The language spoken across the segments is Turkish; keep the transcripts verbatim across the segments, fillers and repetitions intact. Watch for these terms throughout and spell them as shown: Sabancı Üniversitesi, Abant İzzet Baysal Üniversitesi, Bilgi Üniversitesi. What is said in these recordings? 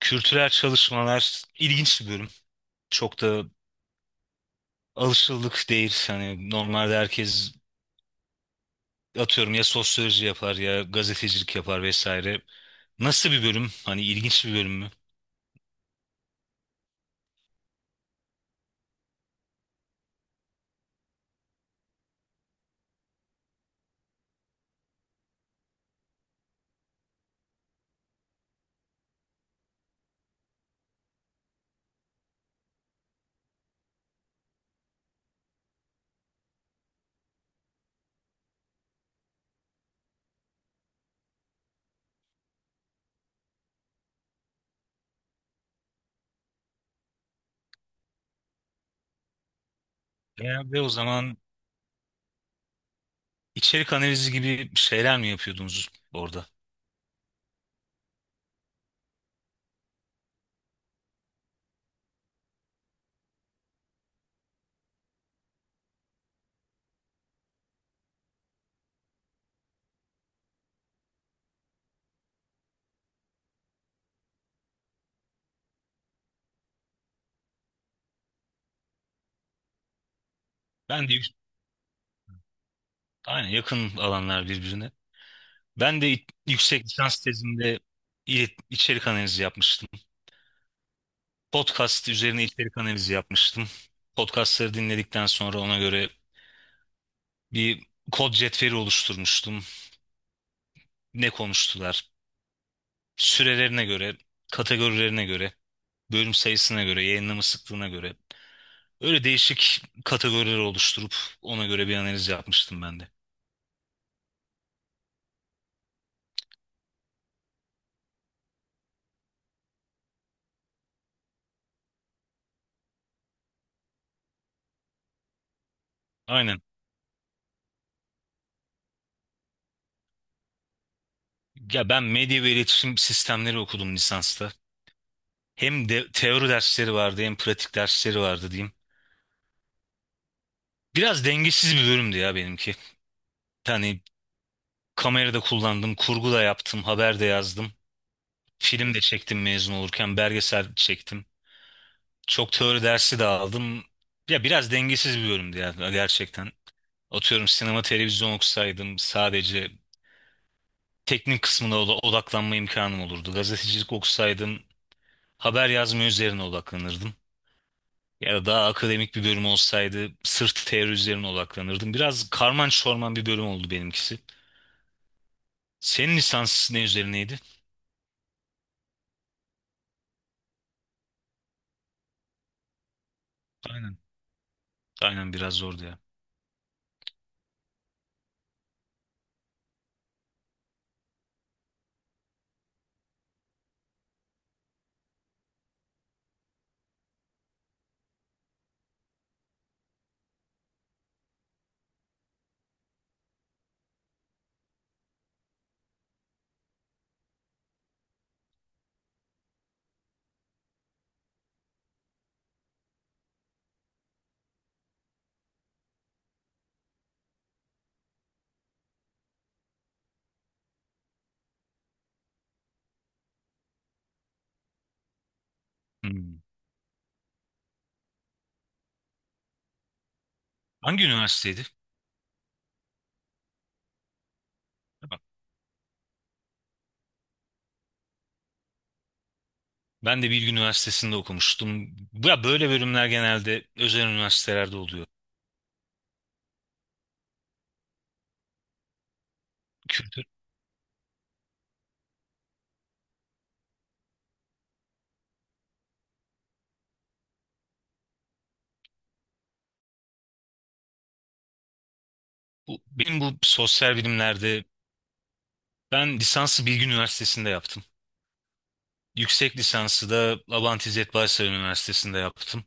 Kültürel çalışmalar ilginç bir bölüm. Çok da alışıldık değil. Hani normalde herkes atıyorum ya sosyoloji yapar ya gazetecilik yapar vesaire. Nasıl bir bölüm? Hani ilginç bir bölüm mü? Genelde o zaman içerik analizi gibi şeyler mi yapıyordunuz orada? Ben de yük- aynen yakın alanlar birbirine. Ben de i- yüksek lisans tezimde il- içerik analizi yapmıştım. Podcast üzerine içerik analizi yapmıştım. Podcastları dinledikten sonra ona göre bir kod cetveli oluşturmuştum. Ne konuştular? Sürelerine göre, kategorilerine göre, bölüm sayısına göre, yayınlama sıklığına göre. Öyle değişik kategoriler oluşturup ona göre bir analiz yapmıştım ben de. Aynen. Ya ben medya ve iletişim sistemleri okudum lisansta. Hem de teori dersleri vardı hem pratik dersleri vardı diyeyim. Biraz dengesiz bir bölümdü ya benimki. Yani kamerada kullandım, kurgu da yaptım, haber de yazdım. Film de çektim mezun olurken, belgesel çektim. Çok teori dersi de aldım. Ya biraz dengesiz bir bölümdü ya gerçekten. Atıyorum sinema televizyon okusaydım sadece teknik kısmına oda- odaklanma imkanım olurdu. Gazetecilik okusaydım haber yazma üzerine odaklanırdım. Ya da daha akademik bir bölüm olsaydı sırf teori üzerine odaklanırdım. Biraz karman çorman bir bölüm oldu benimkisi. Senin lisans ne üzerineydi? Aynen. Aynen biraz zordu ya. Hmm. Hangi üniversiteydi? Ben de Bilgi Üniversitesi'nde okumuştum. Ya böyle bölümler genelde özel üniversitelerde oluyor. Kültür. Bu, benim bu sosyal bilimlerde ben lisansı Bilgi Üniversitesi'nde yaptım. Yüksek lisansı da Abant İzzet Baysal Üniversitesi'nde yaptım.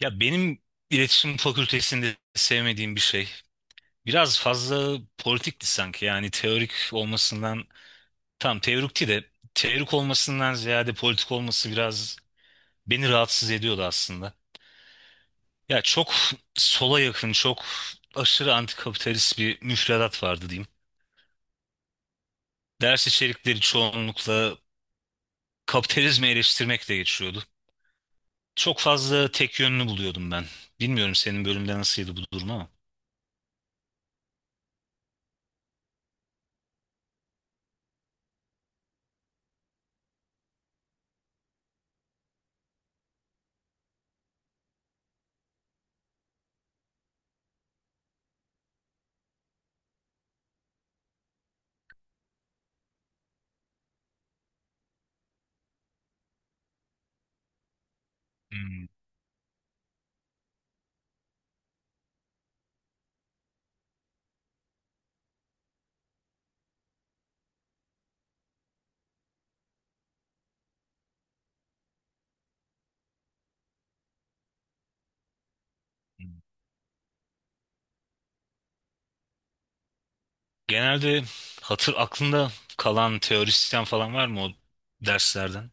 Ya benim iletişim fakültesinde sevmediğim bir şey. Biraz fazla politikti sanki yani teorik olmasından tam teorikti de teorik olmasından ziyade politik olması biraz beni rahatsız ediyordu aslında. Ya çok sola yakın, çok aşırı antikapitalist bir müfredat vardı diyeyim. Ders içerikleri çoğunlukla kapitalizmi eleştirmekle geçiyordu. Çok fazla tek yönlü buluyordum ben. Bilmiyorum senin bölümde nasıldı bu durum ama. Hmm. Genelde hatır aklında kalan teorisyen falan var mı o derslerden?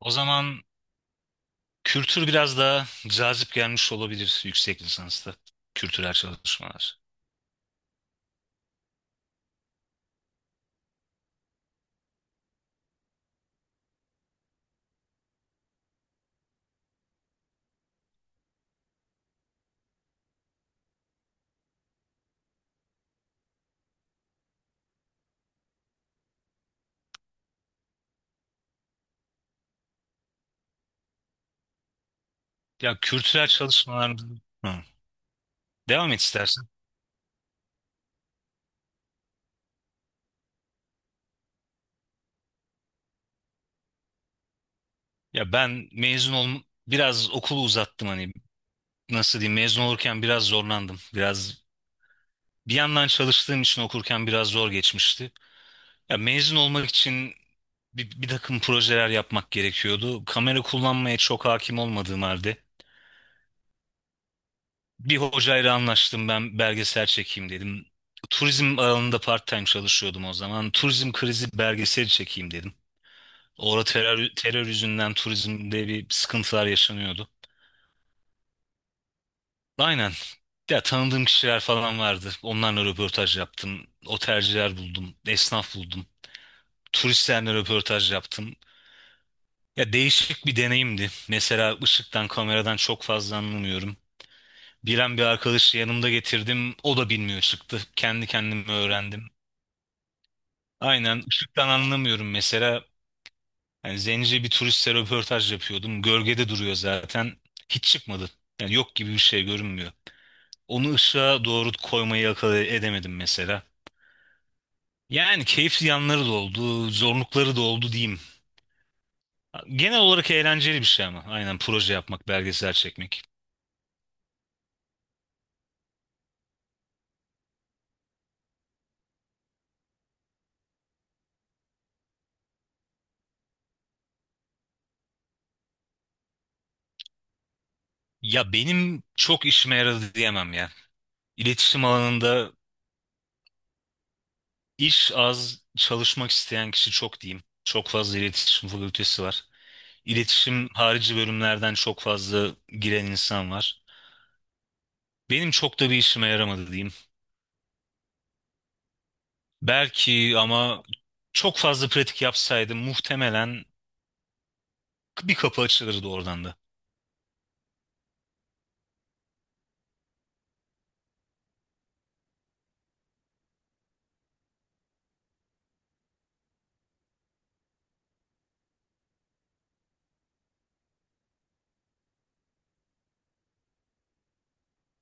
O zaman kültür biraz daha cazip gelmiş olabilir yüksek lisansta. Kültürel çalışmalar. Ya kültürel çalışmalar... Hı. Devam et. Ya ben mezun ol Biraz okulu uzattım, hani nasıl diyeyim, mezun olurken biraz zorlandım. Biraz bir yandan çalıştığım için okurken biraz zor geçmişti. Ya mezun olmak için bir, bir takım projeler yapmak gerekiyordu. Kamera kullanmaya çok hakim olmadığım halde bir hocayla anlaştım, ben belgesel çekeyim dedim. Turizm alanında part-time çalışıyordum o zaman. Turizm krizi belgeseli çekeyim dedim. Orada terör, terör yüzünden turizmde bir sıkıntılar yaşanıyordu. Aynen. Ya tanıdığım kişiler falan vardı. Onlarla röportaj yaptım. Otelciler buldum. Esnaf buldum. Turistlerle röportaj yaptım. Ya değişik bir deneyimdi. Mesela ışıktan, kameradan çok fazla anlamıyorum. Bilen bir arkadaşı yanımda getirdim. O da bilmiyor çıktı. Kendi kendime öğrendim. Aynen ışıktan anlamıyorum mesela. Yani zence bir turistle röportaj yapıyordum. Gölgede duruyor zaten. Hiç çıkmadı. Yani yok gibi, bir şey görünmüyor. Onu ışığa doğru koymayı akıl edemedim mesela. Yani keyifli yanları da oldu, zorlukları da oldu diyeyim. Genel olarak eğlenceli bir şey ama. Aynen, proje yapmak, belgesel çekmek. Ya benim çok işime yaradı diyemem ya. İletişim alanında iş az, çalışmak isteyen kişi çok diyeyim. Çok fazla iletişim fakültesi var. İletişim harici bölümlerden çok fazla giren insan var. Benim çok da bir işime yaramadı diyeyim. Belki ama çok fazla pratik yapsaydım muhtemelen bir kapı açılırdı oradan da.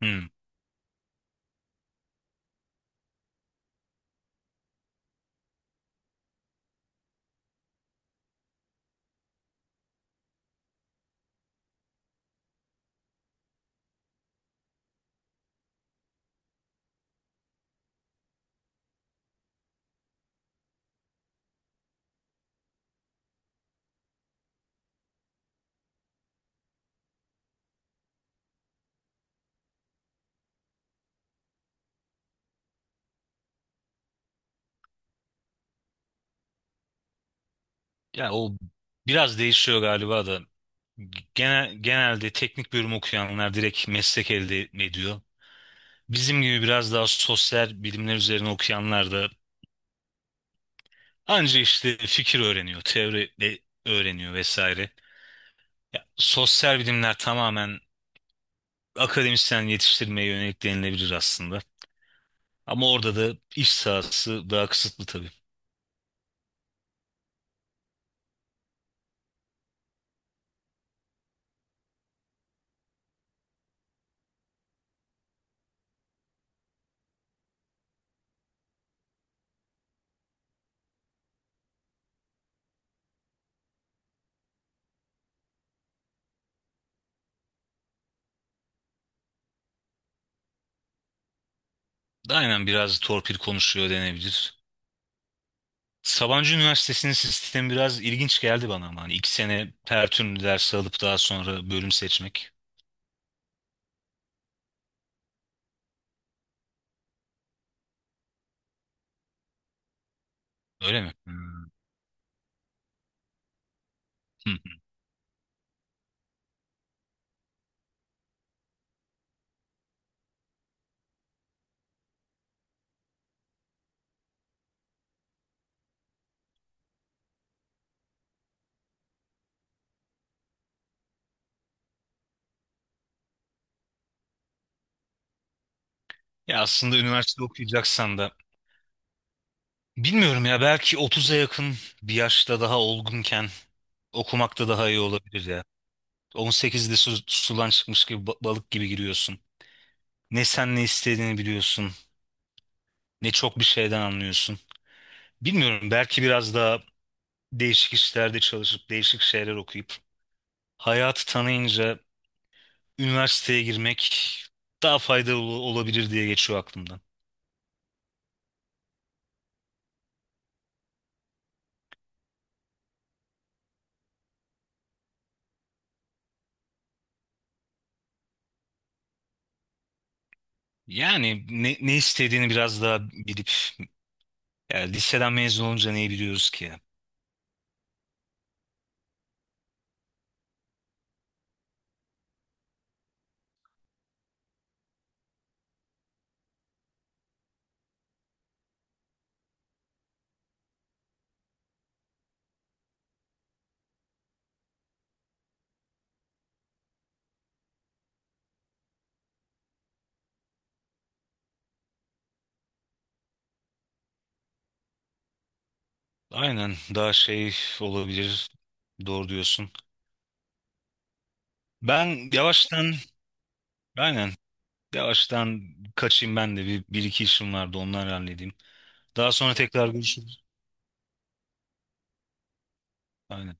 Hmm. Ya o biraz değişiyor galiba da. Genel, genelde teknik bölüm okuyanlar direkt meslek elde ediyor. Bizim gibi biraz daha sosyal bilimler üzerine okuyanlar da anca işte fikir öğreniyor, teori de öğreniyor vesaire. Ya, sosyal bilimler tamamen akademisyen yetiştirmeye yönelik denilebilir aslında. Ama orada da iş sahası daha kısıtlı tabii. Aynen, biraz torpil konuşuyor denebilir. Sabancı Üniversitesi'nin sistemi biraz ilginç geldi bana ama hani iki sene her ders alıp daha sonra bölüm seçmek. Öyle mi? Hmm. Hı. Ya aslında üniversite okuyacaksan da bilmiyorum ya, belki otuza yakın bir yaşta daha olgunken okumak da daha iyi olabilir ya. on sekizde su, sudan çıkmış gibi ba- balık gibi giriyorsun. Ne sen ne istediğini biliyorsun, ne çok bir şeyden anlıyorsun. Bilmiyorum, belki biraz daha değişik işlerde çalışıp değişik şeyler okuyup hayatı tanıyınca üniversiteye girmek daha faydalı olabilir diye geçiyor aklımdan. Yani ne, ne istediğini biraz daha bilip, yani liseden mezun olunca neyi biliyoruz ki? Aynen, daha şey olabilir, doğru diyorsun. Ben yavaştan aynen yavaştan kaçayım, ben de bir, bir iki işim vardı, onları halledeyim. Daha sonra tekrar görüşürüz. Aynen.